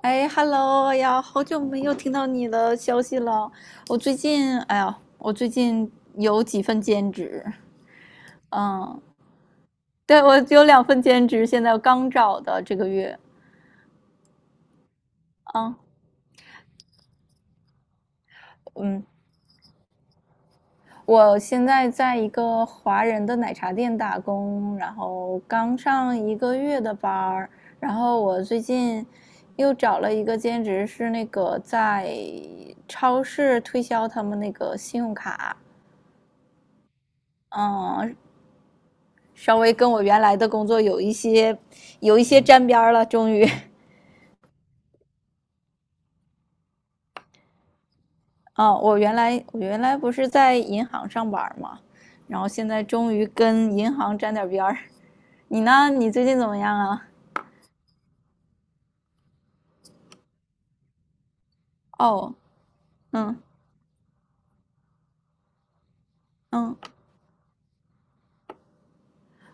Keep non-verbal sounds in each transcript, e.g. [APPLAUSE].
哎，Hello 哎呀，好久没有听到你的消息了。我最近有几份兼职，嗯，对，我有2份兼职，现在刚找的这个月，啊，嗯，我现在在一个华人的奶茶店打工，然后刚上一个月的班儿，然后我最近又找了一个兼职，是那个在超市推销他们那个信用卡。嗯，稍微跟我原来的工作有一些沾边儿了，终于 [LAUGHS] 啊，我原来不是在银行上班嘛，然后现在终于跟银行沾点边儿。[LAUGHS] 你呢？你最近怎么样啊？哦，嗯嗯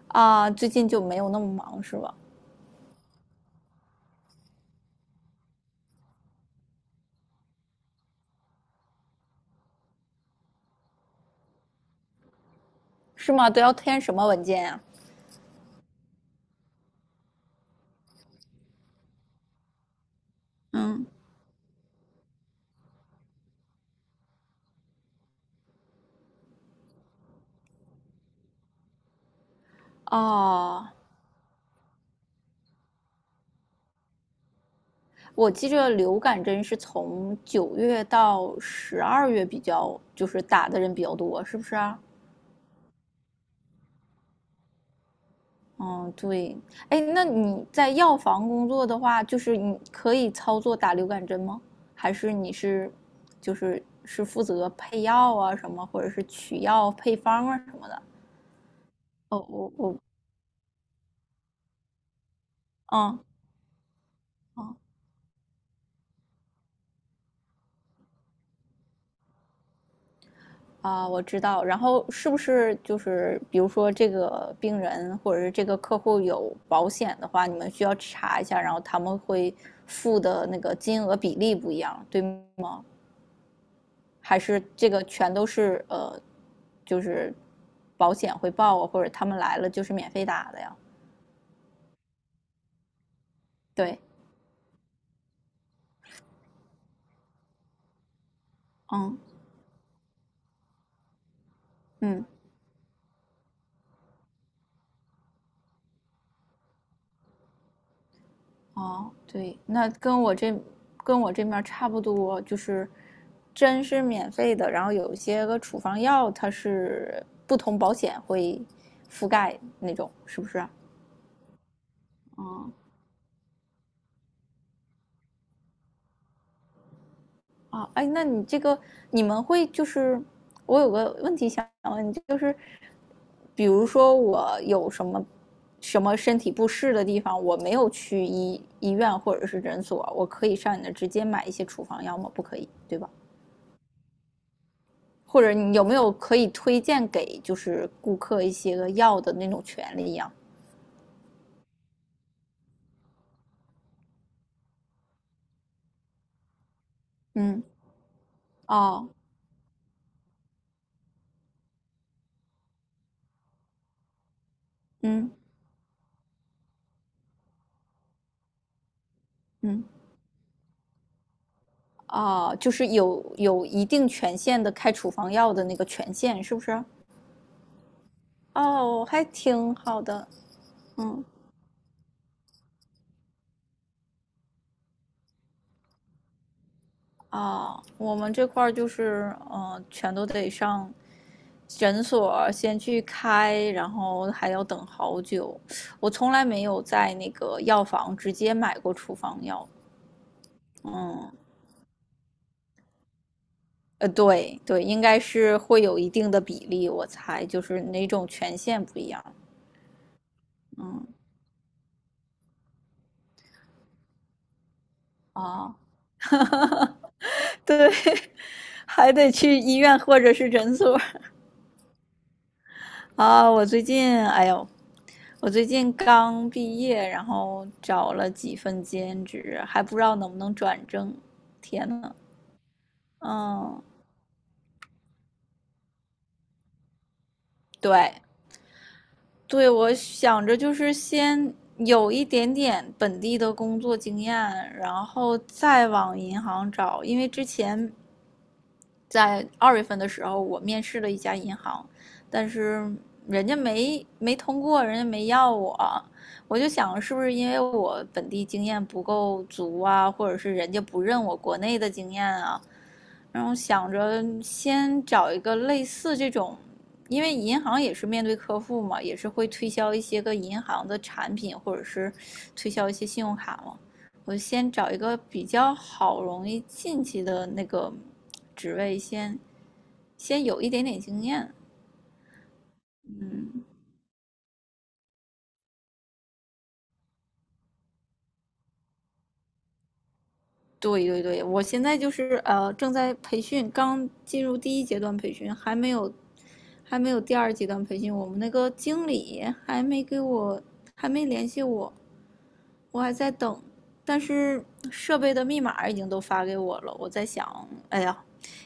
啊，最近就没有那么忙是吧？是吗？都要填什么文件呀、嗯哦，我记着流感针是从9月到12月比较，就是打的人比较多，是不是啊？嗯，对，哎，那你在药房工作的话，就是你可以操作打流感针吗？还是你是，就是负责配药啊什么，或者是取药配方啊什么的？哦，我嗯嗯啊，我知道。然后是不是就是比如说这个病人或者是这个客户有保险的话，你们需要查一下，然后他们会付的那个金额比例不一样，对吗？还是这个全都是就是保险会报啊，或者他们来了就是免费打的呀？对，嗯嗯，哦，对，那跟我这面差不多，就是针是免费的，然后有一些个处方药它是不同保险会覆盖那种，是不是啊？哦，啊，哎，那你这个你们会就是，我有个问题想问你，就是，比如说我有什么什么身体不适的地方，我没有去医院或者是诊所，我可以上你那直接买一些处方药吗？不可以，对吧？或者你有没有可以推荐给就是顾客一些个药的那种权利呀？嗯，哦，嗯嗯，哦，就是有一定权限的开处方药的那个权限，是不是？哦，还挺好的，嗯啊，我们这块儿就是，嗯，全都得上诊所先去开，然后还要等好久。我从来没有在那个药房直接买过处方药，嗯，对对，应该是会有一定的比例，我猜就是哪种权限不一样，嗯啊，对，[LAUGHS] 还得去医院或者是诊所，啊，我最近刚毕业，然后找了几份兼职，还不知道能不能转正。天呐，嗯，对，对，我想着就是先有一点点本地的工作经验，然后再往银行找，因为之前在2月份的时候，我面试了一家银行，但是人家没通过，人家没要我。我就想，是不是因为我本地经验不够足啊，或者是人家不认我国内的经验啊？然后想着先找一个类似这种，因为银行也是面对客户嘛，也是会推销一些个银行的产品，或者是推销一些信用卡嘛。我先找一个比较好容易进去的那个职位先有一点点经验。对对对，我现在就是正在培训，刚进入第一阶段培训，还没有第二阶段培训。我们那个经理还没联系我，我还在等，但是设备的密码已经都发给我了。我在想，哎呀，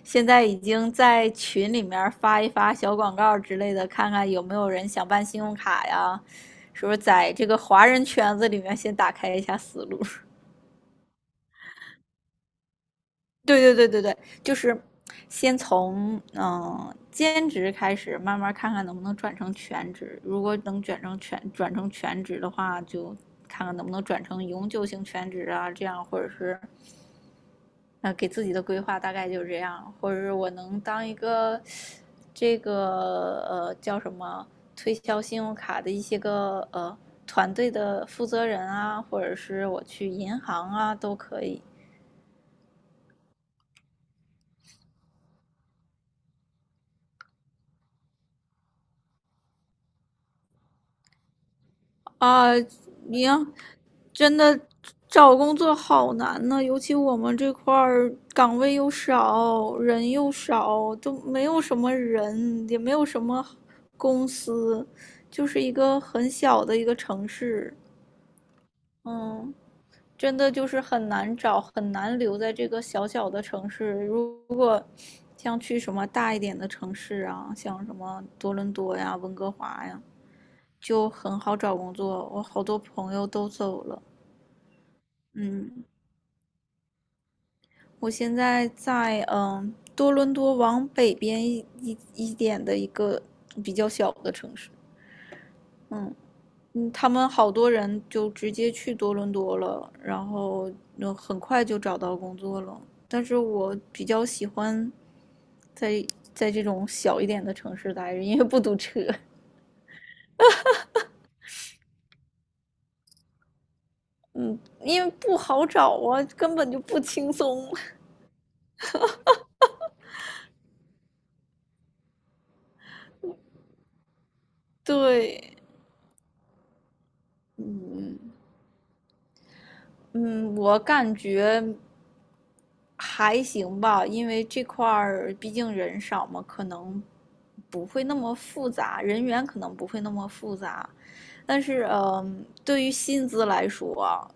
现在已经在群里面发一发小广告之类的，看看有没有人想办信用卡呀？是不是在这个华人圈子里面先打开一下思路？[LAUGHS] 对对对对对，就是先从兼职开始，慢慢看看能不能转成全职。如果能转成全职的话，就看看能不能转成永久性全职啊，这样或者是啊，给自己的规划大概就是这样，或者是我能当一个这个叫什么推销信用卡的一些个团队的负责人啊，或者是我去银行啊都可以啊。你要真的找工作好难呢，尤其我们这块儿岗位又少，人又少，都没有什么人，也没有什么公司，就是一个很小的一个城市。嗯，真的就是很难找，很难留在这个小小的城市。如果像去什么大一点的城市啊，像什么多伦多呀、温哥华呀，就很好找工作。我好多朋友都走了。嗯，我现在在嗯多伦多往北边一点的一个比较小的城市。嗯。嗯，他们好多人就直接去多伦多了，然后嗯很快就找到工作了。但是我比较喜欢在在这种小一点的城市待着，因为不堵车，嗯，因为不好找啊，根本就不轻松。[LAUGHS] 对，嗯嗯，我感觉还行吧，因为这块儿毕竟人少嘛，可能不会那么复杂，人员可能不会那么复杂。但是，嗯，对于薪资来说啊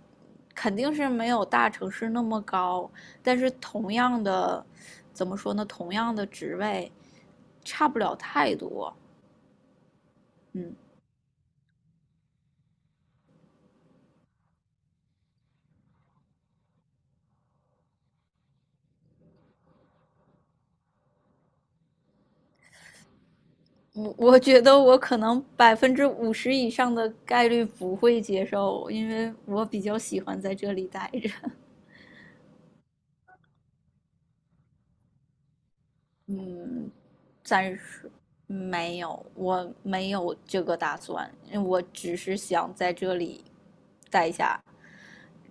肯定是没有大城市那么高。但是同样的，怎么说呢？同样的职位，差不了太多。嗯，我觉得我可能50%以上的概率不会接受，因为我比较喜欢在这里待着。嗯，暂时没有，我没有这个打算，我只是想在这里待下。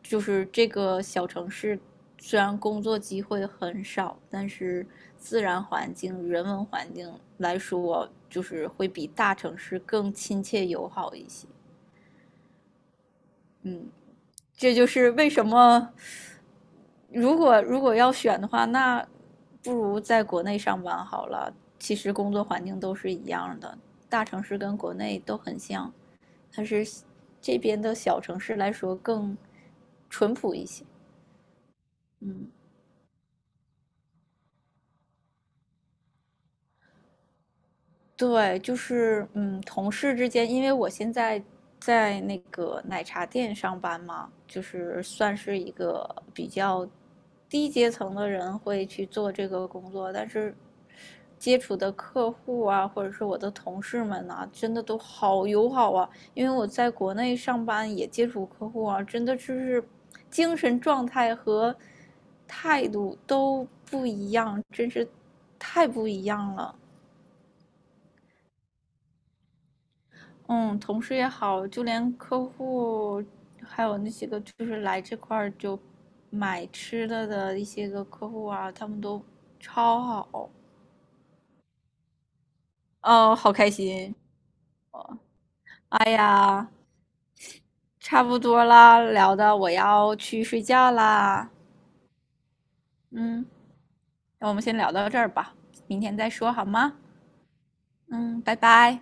就是这个小城市，虽然工作机会很少，但是自然环境、人文环境来说，就是会比大城市更亲切友好一些。嗯，这就是为什么，如果要选的话，那不如在国内上班好了。其实工作环境都是一样的，大城市跟国内都很像，但是这边的小城市来说更淳朴一些。嗯，对，就是嗯，同事之间，因为我现在在那个奶茶店上班嘛，就是算是一个比较低阶层的人会去做这个工作，但是接触的客户啊，或者是我的同事们呐、真的都好友好啊。因为我在国内上班也接触客户啊，真的就是精神状态和态度都不一样，真是太不一样了。嗯，同事也好，就连客户，还有那些个就是来这块儿就买吃的的一些个客户啊，他们都超好，哦，好开心。哎呀，差不多啦，聊的我要去睡觉啦。嗯，那我们先聊到这儿吧，明天再说好吗？嗯，拜拜。